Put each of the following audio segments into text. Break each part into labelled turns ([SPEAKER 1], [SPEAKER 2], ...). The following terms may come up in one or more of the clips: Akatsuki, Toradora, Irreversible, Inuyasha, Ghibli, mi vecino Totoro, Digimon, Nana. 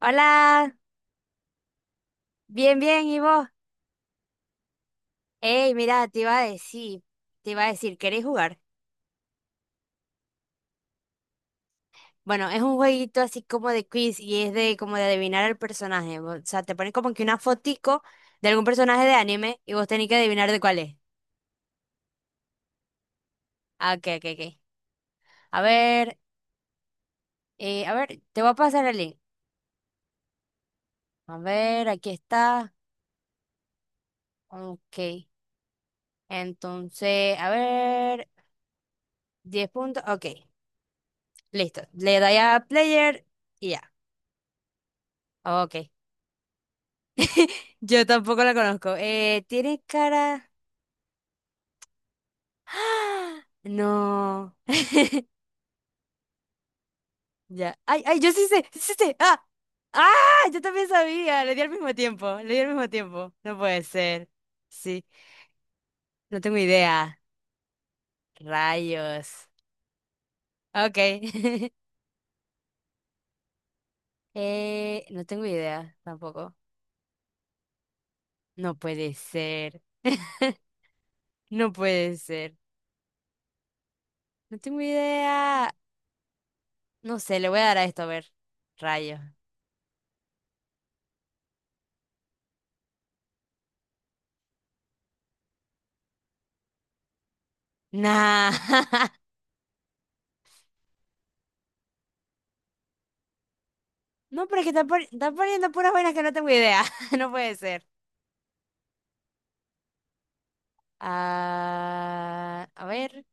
[SPEAKER 1] Hola, bien, bien, ¿y vos? Ey, mira, te iba a decir, te iba a decir, ¿querés jugar? Bueno, es un jueguito así como de quiz y es de como de adivinar el personaje. O sea, te ponen como que una fotico de algún personaje de anime y vos tenés que adivinar de cuál es. Ah, ok, ok, ok. A ver, a ver, te voy a pasar el link. A ver, aquí está. Ok. Entonces, a ver, 10 puntos. Ok, listo. Le doy a player y ya. Ok. Yo tampoco la conozco. Tiene cara. ¡Ah! No. Ya. Ay, ay, yo sí sé, sí sé. Ah, ah, yo también sabía. Le di al mismo tiempo. Le di al mismo tiempo. No puede ser. Sí. No tengo idea. Rayos. Ok. No tengo idea tampoco. No puede ser. No puede ser. No tengo idea. No sé, le voy a dar a esto a ver. Rayos. Nah. No, pero es que están, pon- están poniendo puras vainas que no tengo idea. No puede ser. Ah, a ver.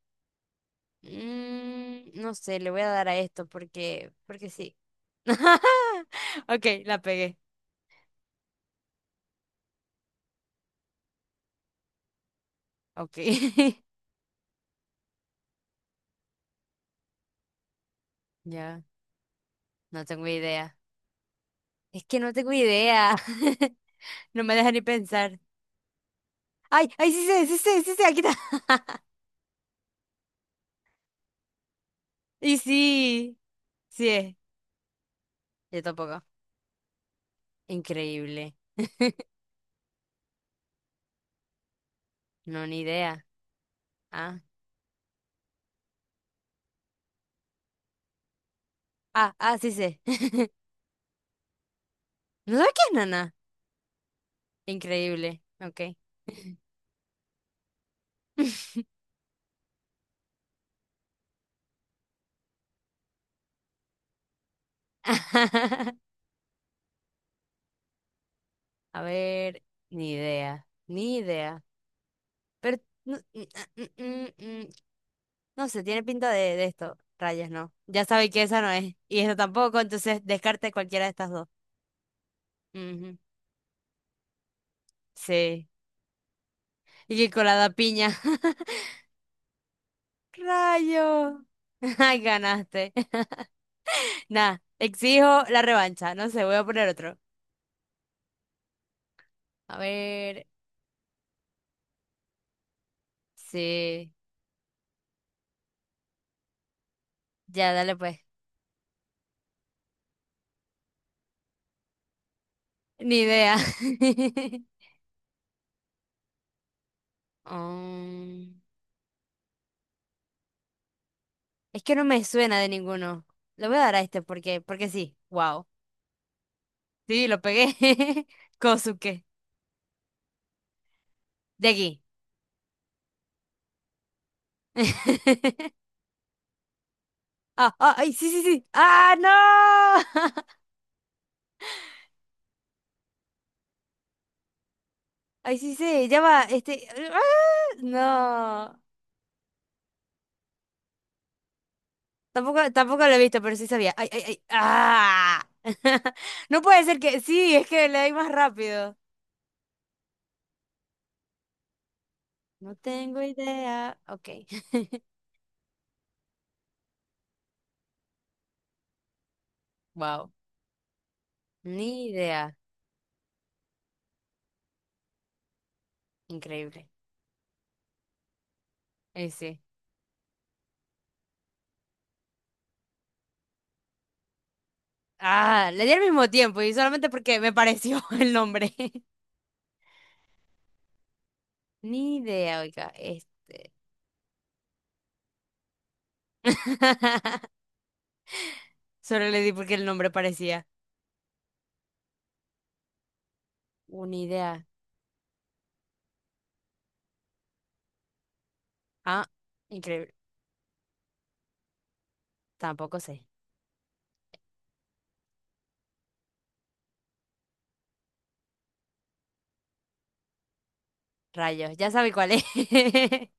[SPEAKER 1] No sé, le voy a dar a esto porque, porque sí. Ok, la pegué. Ok. Ya, no tengo idea. Es que no tengo idea. No me deja ni pensar. Ay, ay, sí sé, sí sé, sí sé, aquí está. Y sí, sí es. Yo tampoco. Increíble. No, ni idea. Ah, ah, ah, sí sé. ¿No sabes qué es, nana? Increíble. Ok. A ver, ni idea, ni idea. Pero no, mm, no sé, tiene pinta de esto. Rayas, no. Ya sabe que esa no es. Y esta tampoco, entonces descarte cualquiera de estas dos. Ujú, sí. Y que colada piña. Rayo. Ay, ganaste. Nada, exijo la revancha. No sé, voy a poner otro. A ver, sí. Ya, dale pues. Ni idea. Mm, es que no me suena de ninguno. Le voy a dar a este porque, porque sí. Wow. Sí, lo pegué. Kosuke. De aquí. Ah, ah, ay, sí, sí, sí. ¡Ah, no! Ay, sí, sí. Ya va. Este. ¡Ah! No. Tampoco, tampoco lo he visto, pero sí sabía. Ay, ay, ay. ¡Ah! No puede ser que. Sí, es que le doy más rápido. No tengo idea. Ok. Wow. Ni idea. Increíble. Ese. Ah, le di al mismo tiempo y solamente porque me pareció el nombre. Ni idea, oiga, este. Solo le di porque el nombre parecía una idea. Ah, increíble. Tampoco sé. Rayos, ya sabe cuál es.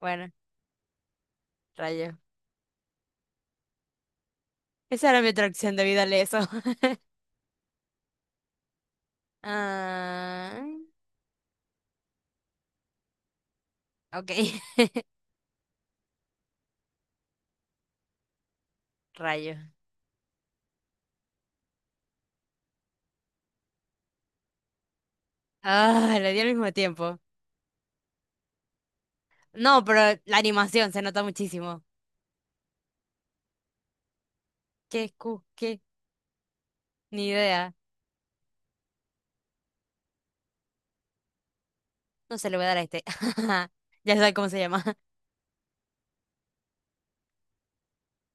[SPEAKER 1] Bueno, rayos. Esa era mi atracción de a eso. Ah, ok, rayos. Ah, le di al mismo tiempo. No, pero la animación se nota muchísimo. ¿Qué? Cu- ¿Qué? Ni idea. No se le voy a dar a este. Ya sabe cómo se llama.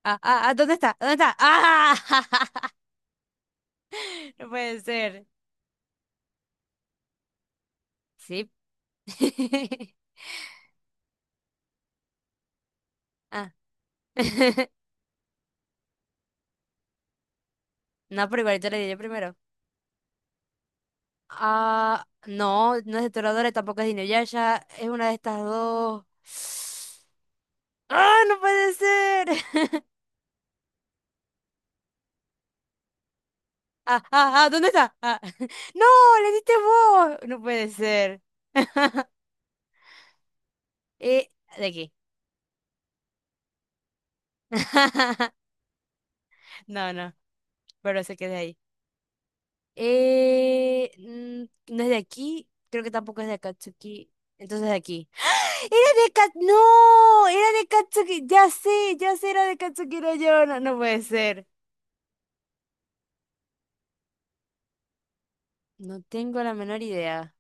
[SPEAKER 1] Ah, ah, ah, ¿dónde está? ¿Dónde está? ¡Ah! No puede ser. Sí. Ah. No, pero igual yo le di yo primero. Ah, no, no es de Toradora, tampoco es de Inuyasha. Es una de estas dos. ¡Ah, no puede ser! Ah, ah, ah, ¿dónde está? Ah. ¡No, le diste vos! No puede ser. Eh, de aquí. No, no, pero se queda ahí. Eh, mm, no es de aquí, creo que tampoco es de Akatsuki. Entonces de aquí. ¡Ah! ¡Era de Akatsuki! ¡No! Era de Akatsuki. Ya sé, era de Akatsuki no yo. No, no puede ser. No tengo la menor idea.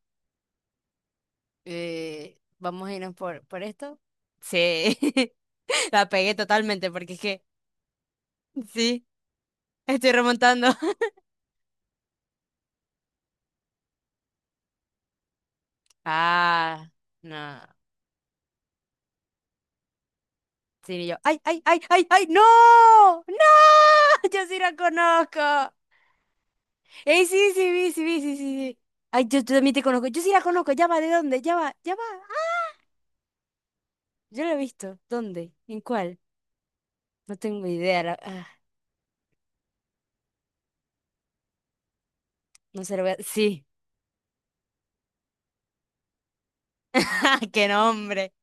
[SPEAKER 1] Vamos a irnos por esto. Sí. La pegué totalmente porque es que. Sí, estoy remontando. Ah, no. Sí, y yo. ¡Ay, ay, ay, ay, ay! ¡No! ¡No! Yo sí la conozco. Ey, sí, sí, vi, sí, vi, sí, sí, sí. Ay, yo también te conozco. Yo sí la conozco. Ya va, ¿de dónde? Ya va, ya va. Ah, yo la he visto. ¿Dónde? ¿En cuál? No tengo idea. La- ah, no se lo voy a... Sí. ¡Qué nombre!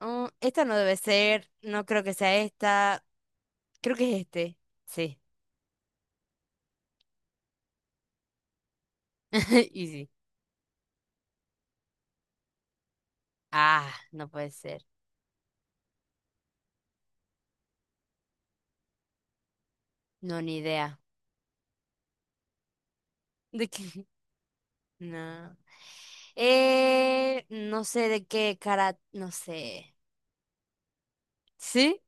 [SPEAKER 1] Esta no debe ser. No creo que sea esta. Creo que es este. Sí. Y sí. Ah, no puede ser. No, ni idea. ¿De qué? No. No sé de qué cara... No sé. ¿Sí?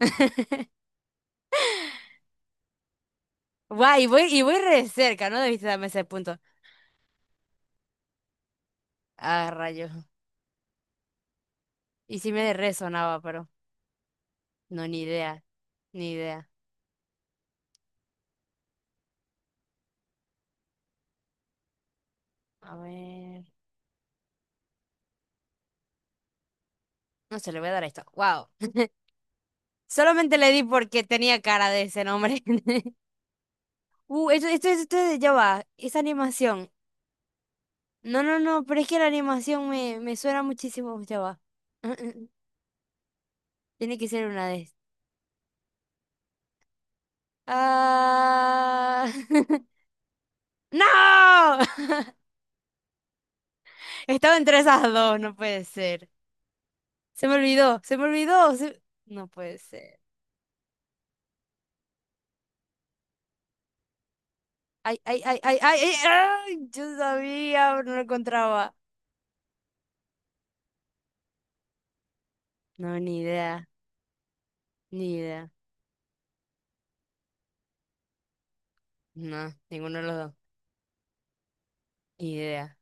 [SPEAKER 1] Guay, y voy re cerca, no debiste darme ese punto. Ah, rayos. Y sí me resonaba, pero no, ni idea. Ni idea. A ver. No se le voy a dar a esto. Wow. Solamente le di porque tenía cara de ese nombre. Esto, esto, esto, ya va. Esa animación. No, no, no, pero es que la animación me, me suena muchísimo. Ya va. Mm, mm, Tiene que ser una de estas. Ah... ¡No! Estaba entre esas dos, no puede ser. Se me olvidó, se me olvidó. Se- No puede ser. Ay, ay, ay, ay, ay, ay, ay, yo sabía, pero no lo encontraba. No, ni idea, ni idea. No, ninguno de los dos. Ni idea.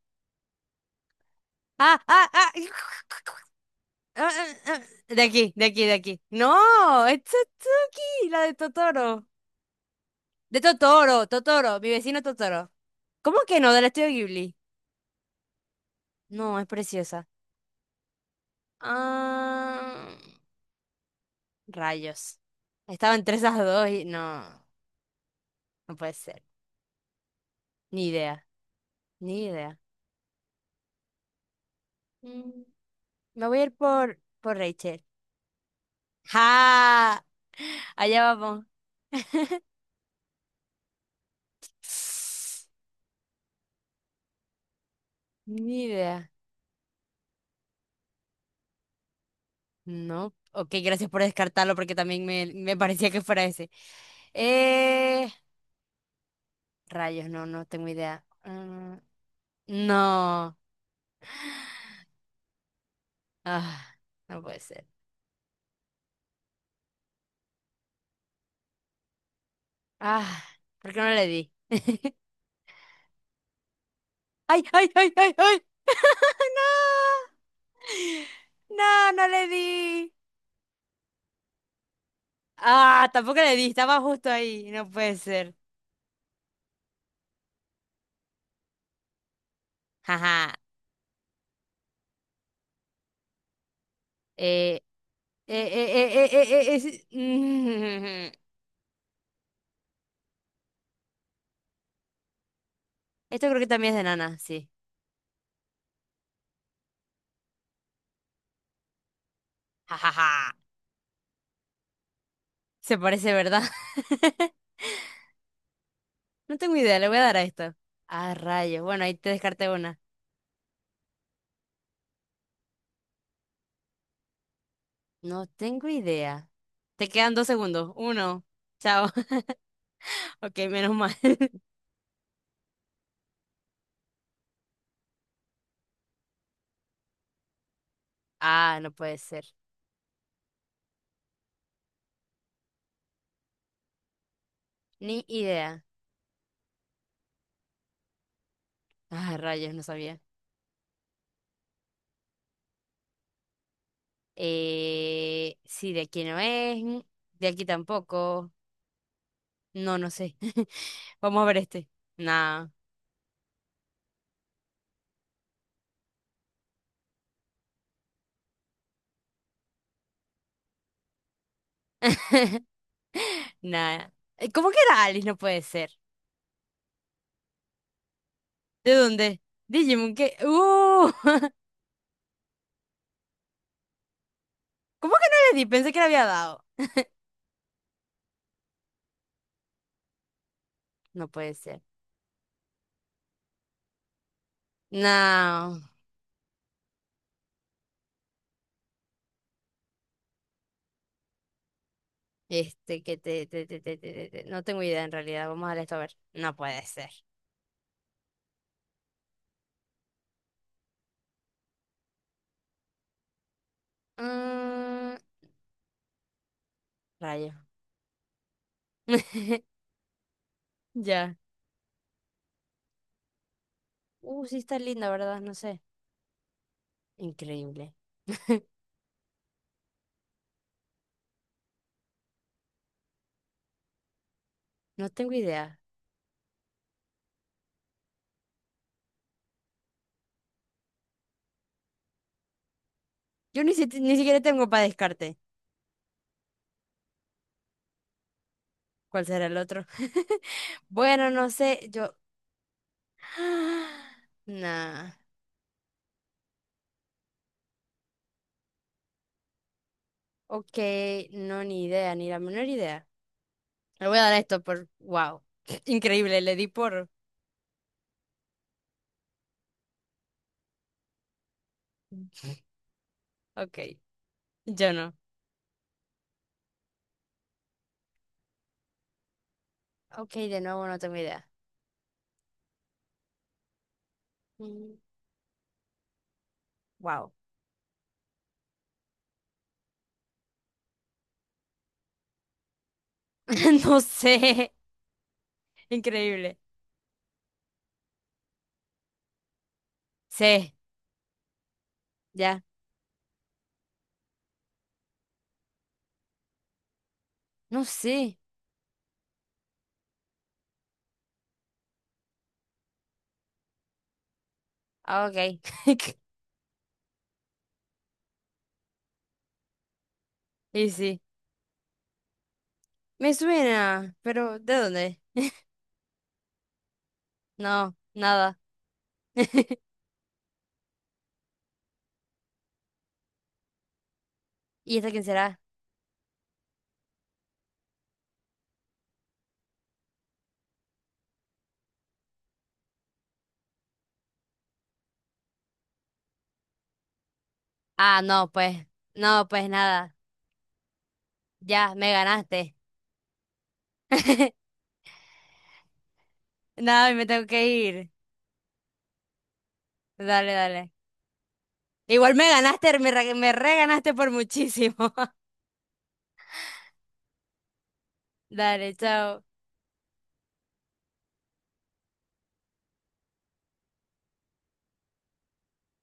[SPEAKER 1] Ah, ah, ah. Ah, ah, ah. De aquí, de aquí, de aquí. No, es Tsutsuki, la de Totoro. De Totoro, Totoro, mi vecino Totoro. ¿Cómo que no? Del estudio Ghibli. No, es preciosa. Ah, rayos. Estaba entre esas dos y no, no puede ser. Ni idea, ni idea. Mm. Me voy a ir por Rachel. ¡Ja! Allá vamos. Ni idea. No. Ok, gracias por descartarlo porque también me parecía que fuera ese. Eh, rayos, no, no tengo idea. No. Ah, no puede ser. Ah, ¿por qué no le di? ¡Ay, ay, ay, ay, ay! ¡No! No, no le di. Ah, tampoco le di, estaba justo ahí, no puede ser. Jaja. Eh, es- Mm. Esto creo que también es de Nana, sí. Jajaja. Se parece, ¿verdad? No tengo idea, le voy a dar a esto. Ah, rayos. Bueno, ahí te descarté una. No tengo idea. Te quedan 2 segundos. Uno. Chao. Ok, menos mal. Ah, no puede ser. Ni idea. Ah, rayos, no sabía. Sí, de aquí no es. De aquí tampoco. No, no sé. Vamos a ver este. Nah. Nada. ¿Cómo que era Alice? No puede ser. ¿De dónde? Digimon, ¿qué? ¡Uh! ¿Cómo que no le di? Pensé que le había dado. No puede ser. No. Este, que te- te- no tengo idea en realidad. Vamos a darle esto a ver. No puede ser. Mm, rayo. Ya. Sí está linda, ¿verdad? No sé. Increíble. No tengo idea. Yo ni, si- ni siquiera tengo para descarte. ¿Cuál será el otro? Bueno, no sé, yo... Nah, ok, no, ni idea, ni la menor idea. Le voy a dar a esto por... Wow, increíble, le di por... Ok, yo no. Ok, de nuevo no tengo idea. Mm. Wow, no sé, increíble. Sí, ya, no sé. Ah, ok, y sí, me suena, pero ¿de dónde? No, nada. ¿Y esta quién será? Ah, no, pues, no, pues nada, ya, me ganaste. Nada, me tengo que ir. Dale, dale. Igual me ganaste, me re, me reganaste por muchísimo. Dale, chao.